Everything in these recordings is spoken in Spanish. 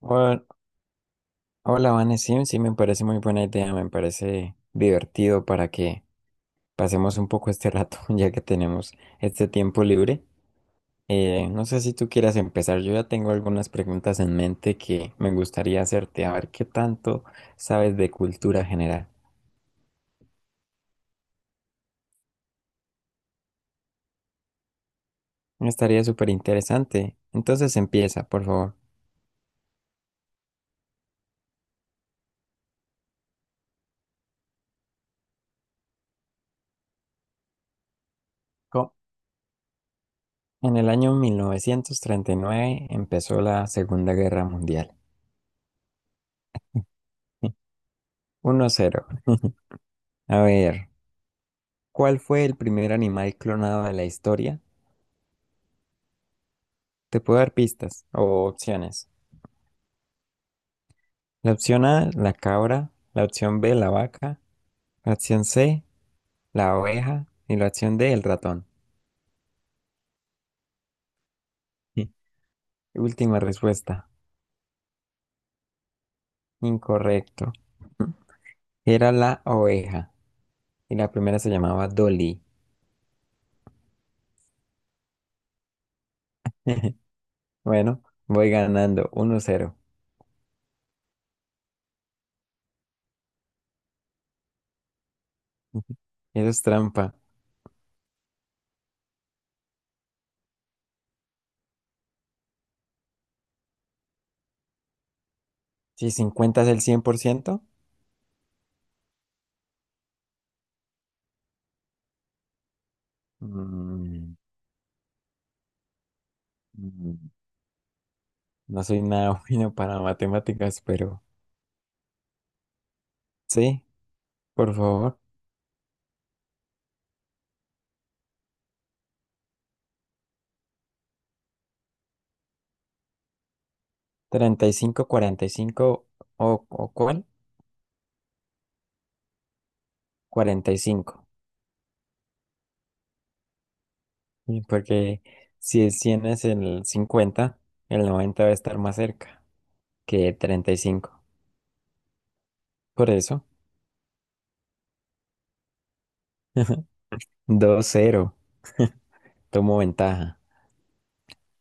Hola, hola, Vane, sí, sí, me parece muy buena idea, me parece divertido para que pasemos un poco este rato, ya que tenemos este tiempo libre. No sé si tú quieras empezar, yo ya tengo algunas preguntas en mente que me gustaría hacerte, a ver qué tanto sabes de cultura general. Estaría súper interesante. Entonces empieza, por favor. Co- En el año 1939 empezó la Segunda Guerra Mundial. 1-0. A ver. ¿Cuál fue el primer animal clonado de la historia? Te puedo dar pistas o opciones. La opción A, la cabra. La opción B, la vaca. La opción C, la oveja. Y la opción D, el ratón. Sí. Última respuesta. Incorrecto. Era la oveja. Y la primera se llamaba Dolly. Bueno, voy ganando 1-0. Eso es trampa. Si 50 es el 100%, mm, mm, no soy nada bueno para matemáticas, pero sí. Por favor. 35, 45 o ¿cuál? 45, y porque si es 100 es el 50, el 90 va a estar más cerca que 35. Por eso. 2-0. Tomo ventaja.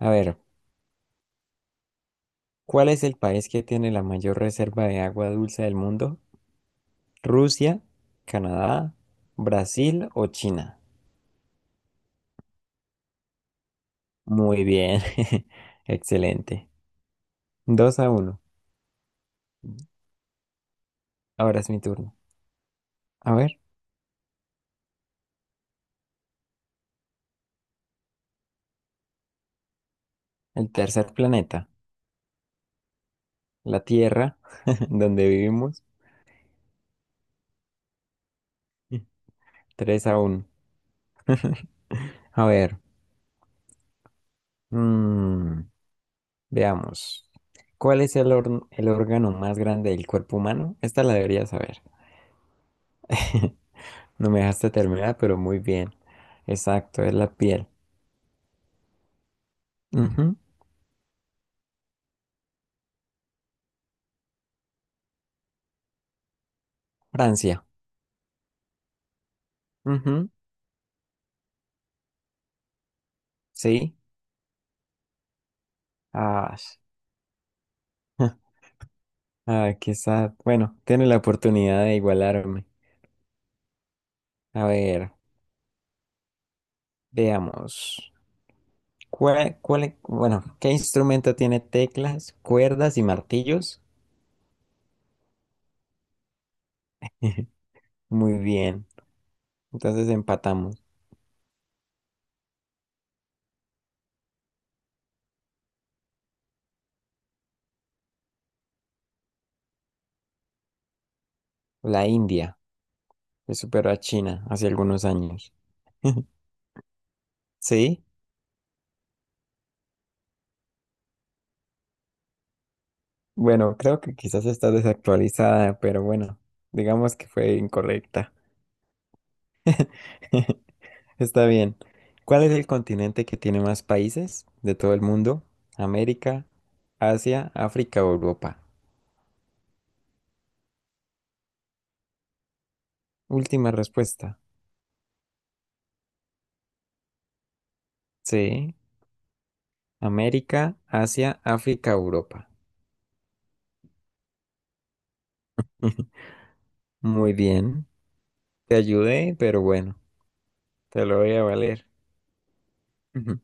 A ver, ¿cuál es el país que tiene la mayor reserva de agua dulce del mundo? ¿Rusia, Canadá, Brasil o China? Muy bien. Excelente. 2-1. Ahora es mi turno. A ver. El tercer planeta, la Tierra, donde vivimos. 3-1. A ver, mm, veamos. ¿Cuál es el órgano más grande del cuerpo humano? Esta la deberías saber. No me dejaste terminar, pero muy bien. Exacto, es la piel. Ujú. Francia. Ujú. Sí. Ah, ah, qué sad. Bueno, tiene la oportunidad de igualarme. A ver, veamos. Bueno, ¿qué instrumento tiene teclas, cuerdas y martillos? Muy bien. Entonces empatamos. La India, que superó a China hace algunos años. ¿Sí? Bueno, creo que quizás está desactualizada, pero bueno, digamos que fue incorrecta. Está bien. ¿Cuál es el continente que tiene más países de todo el mundo? ¿América, Asia, África o Europa? Última respuesta. Sí, América, Asia, África, Europa. Ujú. Muy bien. Te ayudé, pero bueno, te lo voy a valer. Ujú.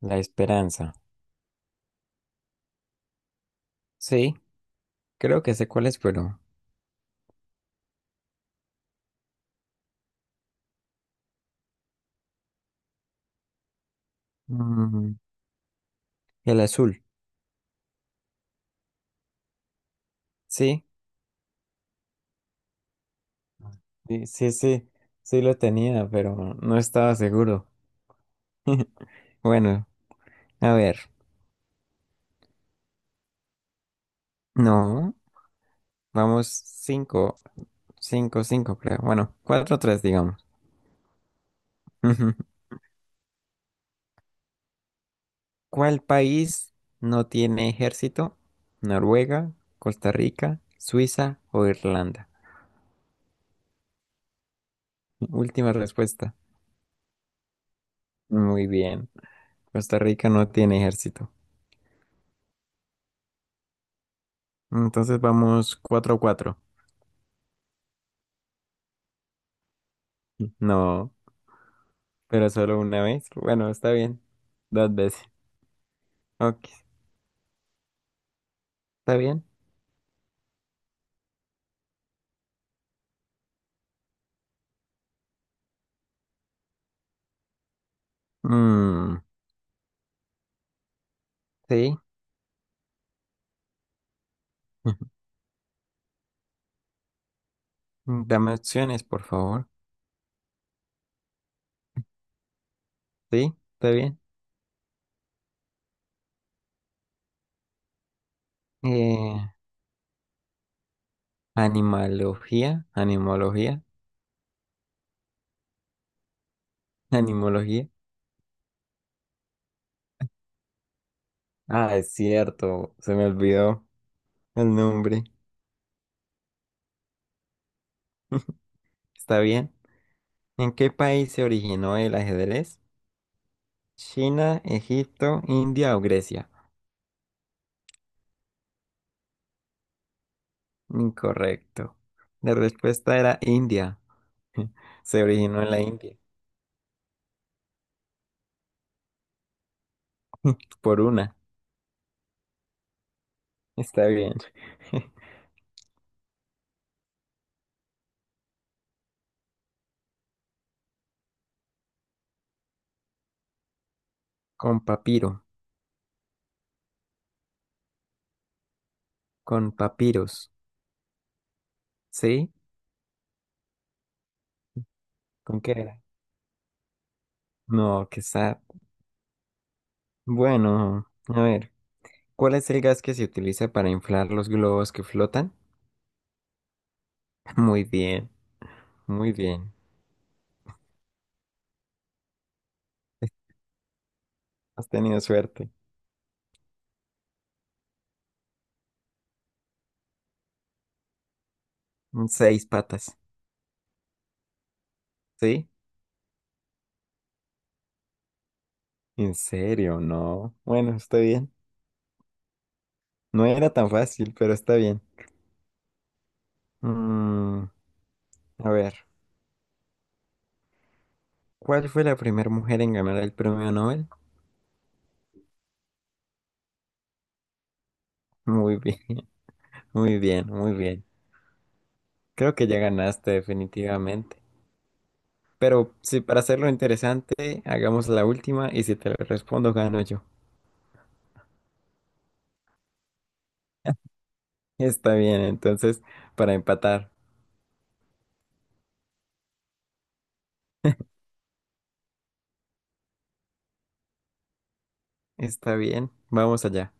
La esperanza. Sí, creo que sé cuál es, pero mm, el azul. Sí, sí, sí, sí, sí lo tenía, pero no estaba seguro. Bueno, a ver. No, vamos cinco, cinco, cinco, creo. Bueno, cuatro, tres, digamos. Ujú. ¿Cuál país no tiene ejército? ¿Noruega, Costa Rica, Suiza o Irlanda? Última respuesta. Muy bien. Costa Rica no tiene ejército. Entonces vamos 4 a 4. No, pero solo una vez. Bueno, está bien. Dos veces. Ok, está bien. Mm, sí. Dame opciones, por favor. Sí, está bien. Eh, animalogía, animología, animología. Ah, es cierto, se me olvidó el nombre. Está bien. ¿En qué país se originó el ajedrez? ¿China, Egipto, India o Grecia? Incorrecto. La respuesta era India. Se originó en la India. Por una. Está bien. Con papiro. Con papiros. ¿Sí? ¿Con qué era? No, qué sad. Bueno, a ver. ¿Cuál es el gas que se utiliza para inflar los globos que flotan? Muy bien. Muy bien. Has tenido suerte. Seis patas. ¿Sí? ¿En serio? No. Bueno, está bien. No era tan fácil, pero está bien. Mm, a ver. ¿Cuál fue la primera mujer en ganar el premio Nobel? Muy bien, muy bien, muy bien. Creo que ya ganaste definitivamente. Pero si para hacerlo interesante, hagamos la última y si te la respondo, gano yo. Está bien, entonces, para empatar. Está bien, vamos allá.